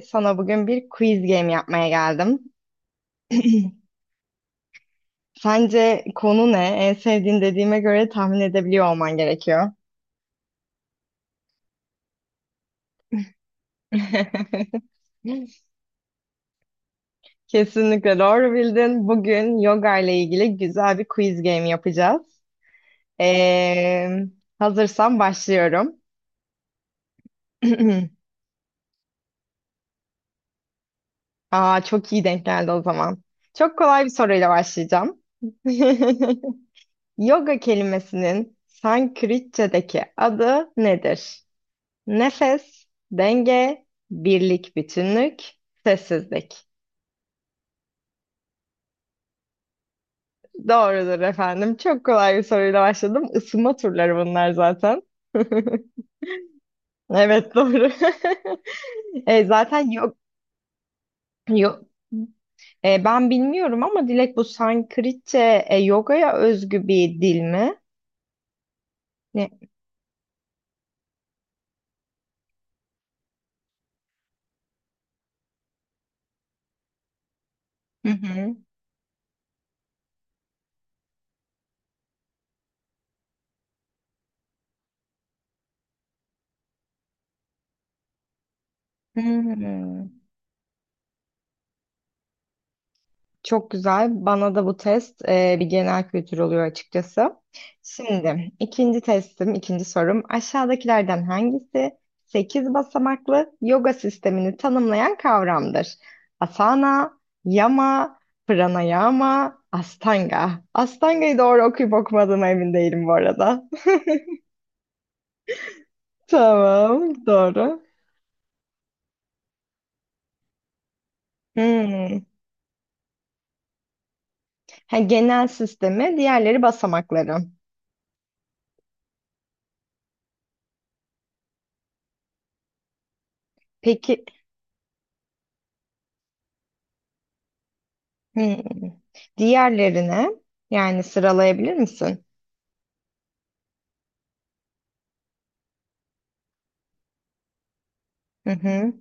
Sana bugün bir quiz game yapmaya geldim. Sence konu ne? En sevdiğin dediğime göre tahmin edebiliyor olman gerekiyor. Kesinlikle doğru bildin. Bugün yoga ile ilgili güzel bir quiz game yapacağız. Ee, Hazırsan başlıyorum. Aa, çok iyi denk geldi o zaman. Çok kolay bir soruyla başlayacağım. Yoga kelimesinin Sanskritçedeki adı nedir? Nefes, denge, birlik, bütünlük, sessizlik. Doğrudur efendim. Çok kolay bir soruyla başladım. Isınma turları bunlar zaten. Evet, doğru. Zaten yok yok. Ben bilmiyorum ama Dilek, bu Sanskritçe yogaya özgü bir dil mi? Ne? Hı hı. Hmm. Çok güzel. Bana da bu test bir genel kültür oluyor açıkçası. Şimdi ikinci testim, ikinci sorum. Aşağıdakilerden hangisi 8 basamaklı yoga sistemini tanımlayan kavramdır? Asana, yama, pranayama, astanga. Astanga'yı doğru okuyup okumadığıma emin değilim bu arada. Tamam, doğru. Hmm. Ha, genel sistemi, diğerleri basamakları. Peki. Hmm. Diğerlerine yani sıralayabilir misin? Hı hı.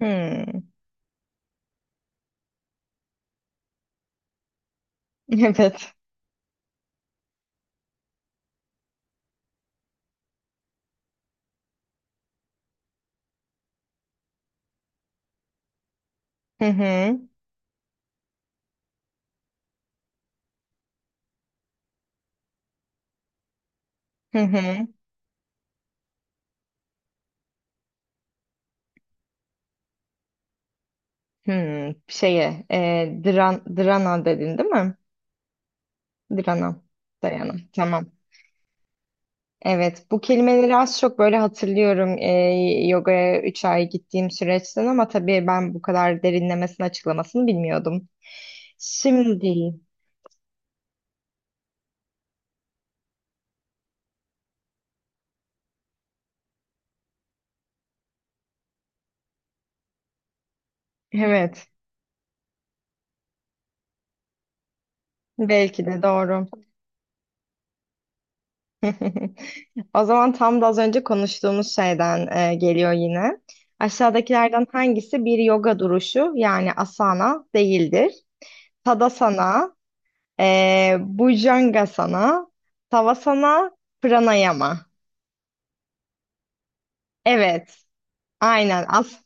Hmm. Evet. Hı hı. Hı hı. Hmm. Şeye, drana dedin değil mi? Drana. Dayana. Tamam. Evet, bu kelimeleri az çok böyle hatırlıyorum, yogaya 3 ay gittiğim süreçten, ama tabii ben bu kadar derinlemesine açıklamasını bilmiyordum. Şimdi, evet, belki de doğru. O zaman tam da az önce konuştuğumuz şeyden geliyor yine. Aşağıdakilerden hangisi bir yoga duruşu yani asana değildir? Tadasana, Bhujangasana, Savasana, Pranayama. Evet, aynen.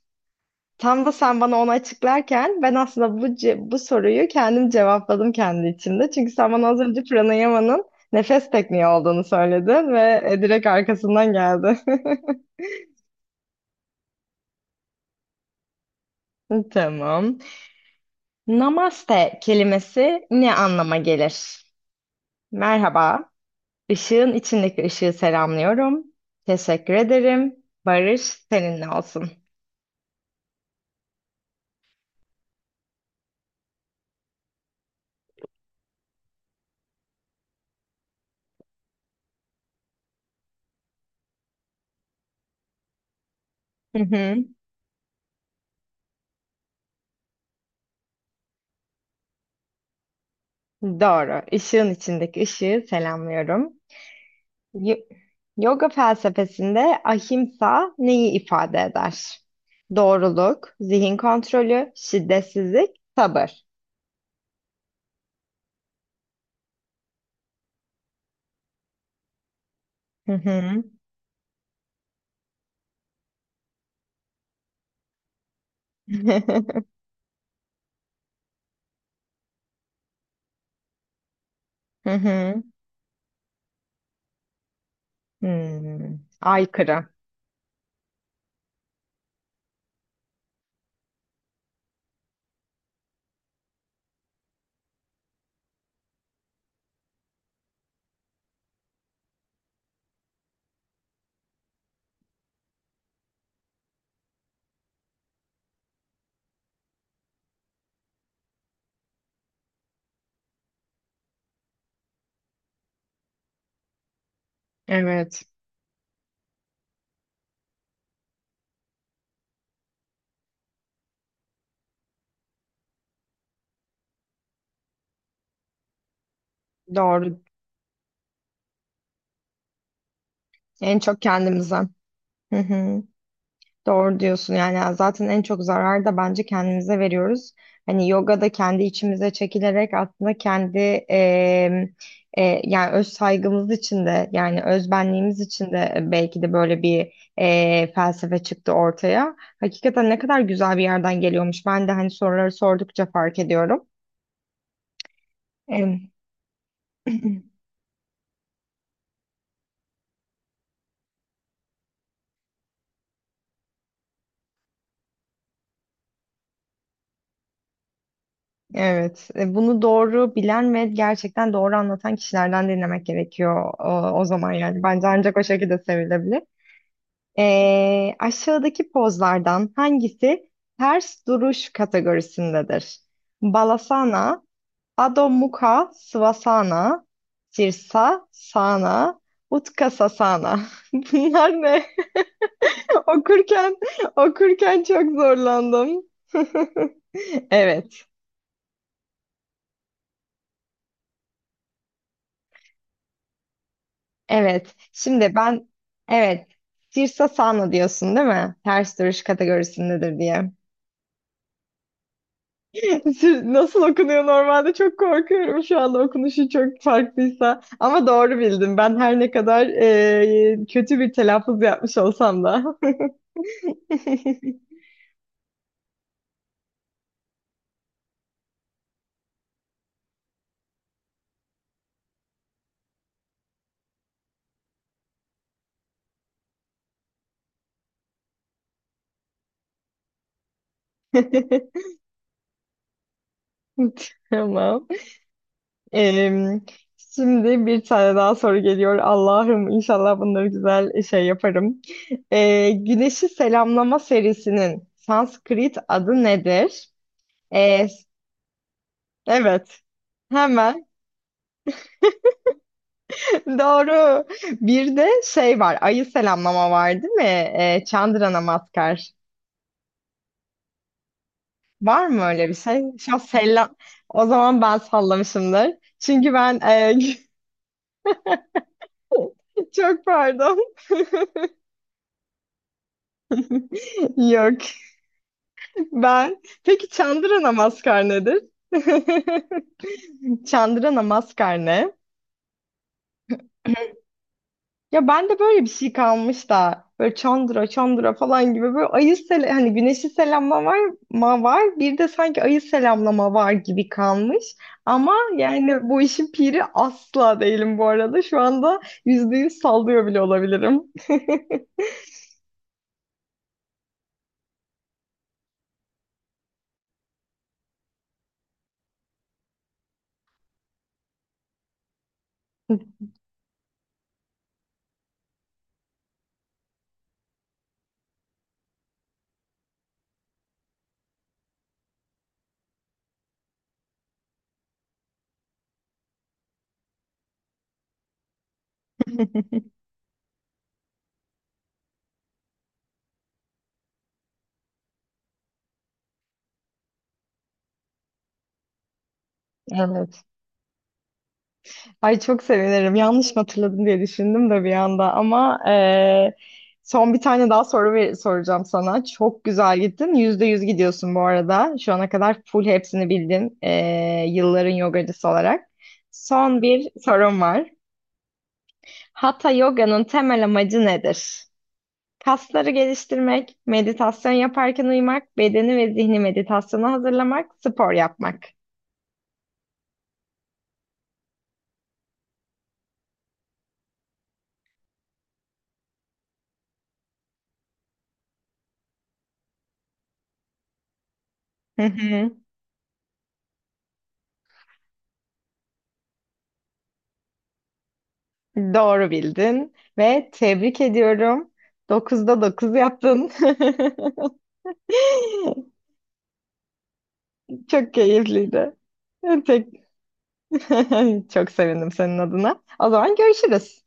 Tam da sen bana onu açıklarken ben aslında bu soruyu kendim cevapladım kendi içimde. Çünkü sen bana az önce Pranayama'nın nefes tekniği olduğunu söyledin ve direkt arkasından geldi. Tamam. Namaste kelimesi ne anlama gelir? Merhaba, ışığın içindeki ışığı selamlıyorum. Teşekkür ederim. Barış seninle olsun. Hı hı. Doğru, Işığın içindeki ışığı selamlıyorum. Y- Yoga felsefesinde ahimsa neyi ifade eder? Doğruluk, zihin kontrolü, şiddetsizlik, sabır. Hı hı. Hı hı. Hmm. Aykırı. Evet. Doğru. En çok kendimize. Hı hı. Doğru diyorsun, yani zaten en çok zarar da bence kendimize veriyoruz. Hani yoga da kendi içimize çekilerek aslında kendi yani öz saygımız için de, yani öz benliğimiz için de belki de böyle bir felsefe çıktı ortaya. Hakikaten ne kadar güzel bir yerden geliyormuş. Ben de hani soruları sordukça fark ediyorum. Em, Evet, bunu doğru bilen ve gerçekten doğru anlatan kişilerden dinlemek gerekiyor o zaman yani. Bence ancak o şekilde sevilebilir. Aşağıdaki pozlardan hangisi ters duruş kategorisindedir? Balasana, Adho Mukha Svasana, Sirsasana, Utkatasana. Bunlar ne? Okurken okurken çok zorlandım. Evet. Evet. Şimdi ben, evet. Sirsa Sano diyorsun değil mi? Ters duruş kategorisindedir diye. Nasıl okunuyor normalde? Çok korkuyorum şu anda, okunuşu çok farklıysa. Ama doğru bildim. Ben her ne kadar kötü bir telaffuz yapmış olsam da. Tamam. Em, Şimdi bir tane daha soru geliyor. Allah'ım, inşallah bunları güzel şey yaparım. Güneşi Selamlama serisinin Sanskrit adı nedir? E, evet. Hemen. Doğru. Bir de şey var. Ayı selamlama var değil mi? Chandra Namaskar. Var mı öyle bir şey? Şu an selam. O zaman ben sallamışımdır. Çünkü ben çok pardon. Yok. Ben. Peki Çandıra Namaskar nedir? Çandıra Namaskar ne? Ya ben de böyle bir şey kalmış da, böyle Çandıra Çandıra falan gibi, böyle ayı sele hani güneşi selamlama var ma var, bir de sanki ayı selamlama var gibi kalmış. Ama yani bu işin piri asla değilim bu arada. Şu anda %100 sallıyor bile olabilirim. Evet. Ay, çok sevinirim. Yanlış mı hatırladım diye düşündüm de bir anda, ama son bir tane daha soru soracağım sana. Çok güzel gittin. %100 gidiyorsun bu arada. Şu ana kadar full hepsini bildin. Yılların yogacısı olarak. Son bir sorum var. Hatha Yoga'nın temel amacı nedir? Kasları geliştirmek, meditasyon yaparken uyumak, bedeni ve zihni meditasyona hazırlamak, spor yapmak. Doğru bildin ve tebrik ediyorum. 9'da 9 yaptın. Çok keyifliydi. Tek- Çok sevindim senin adına. O zaman görüşürüz.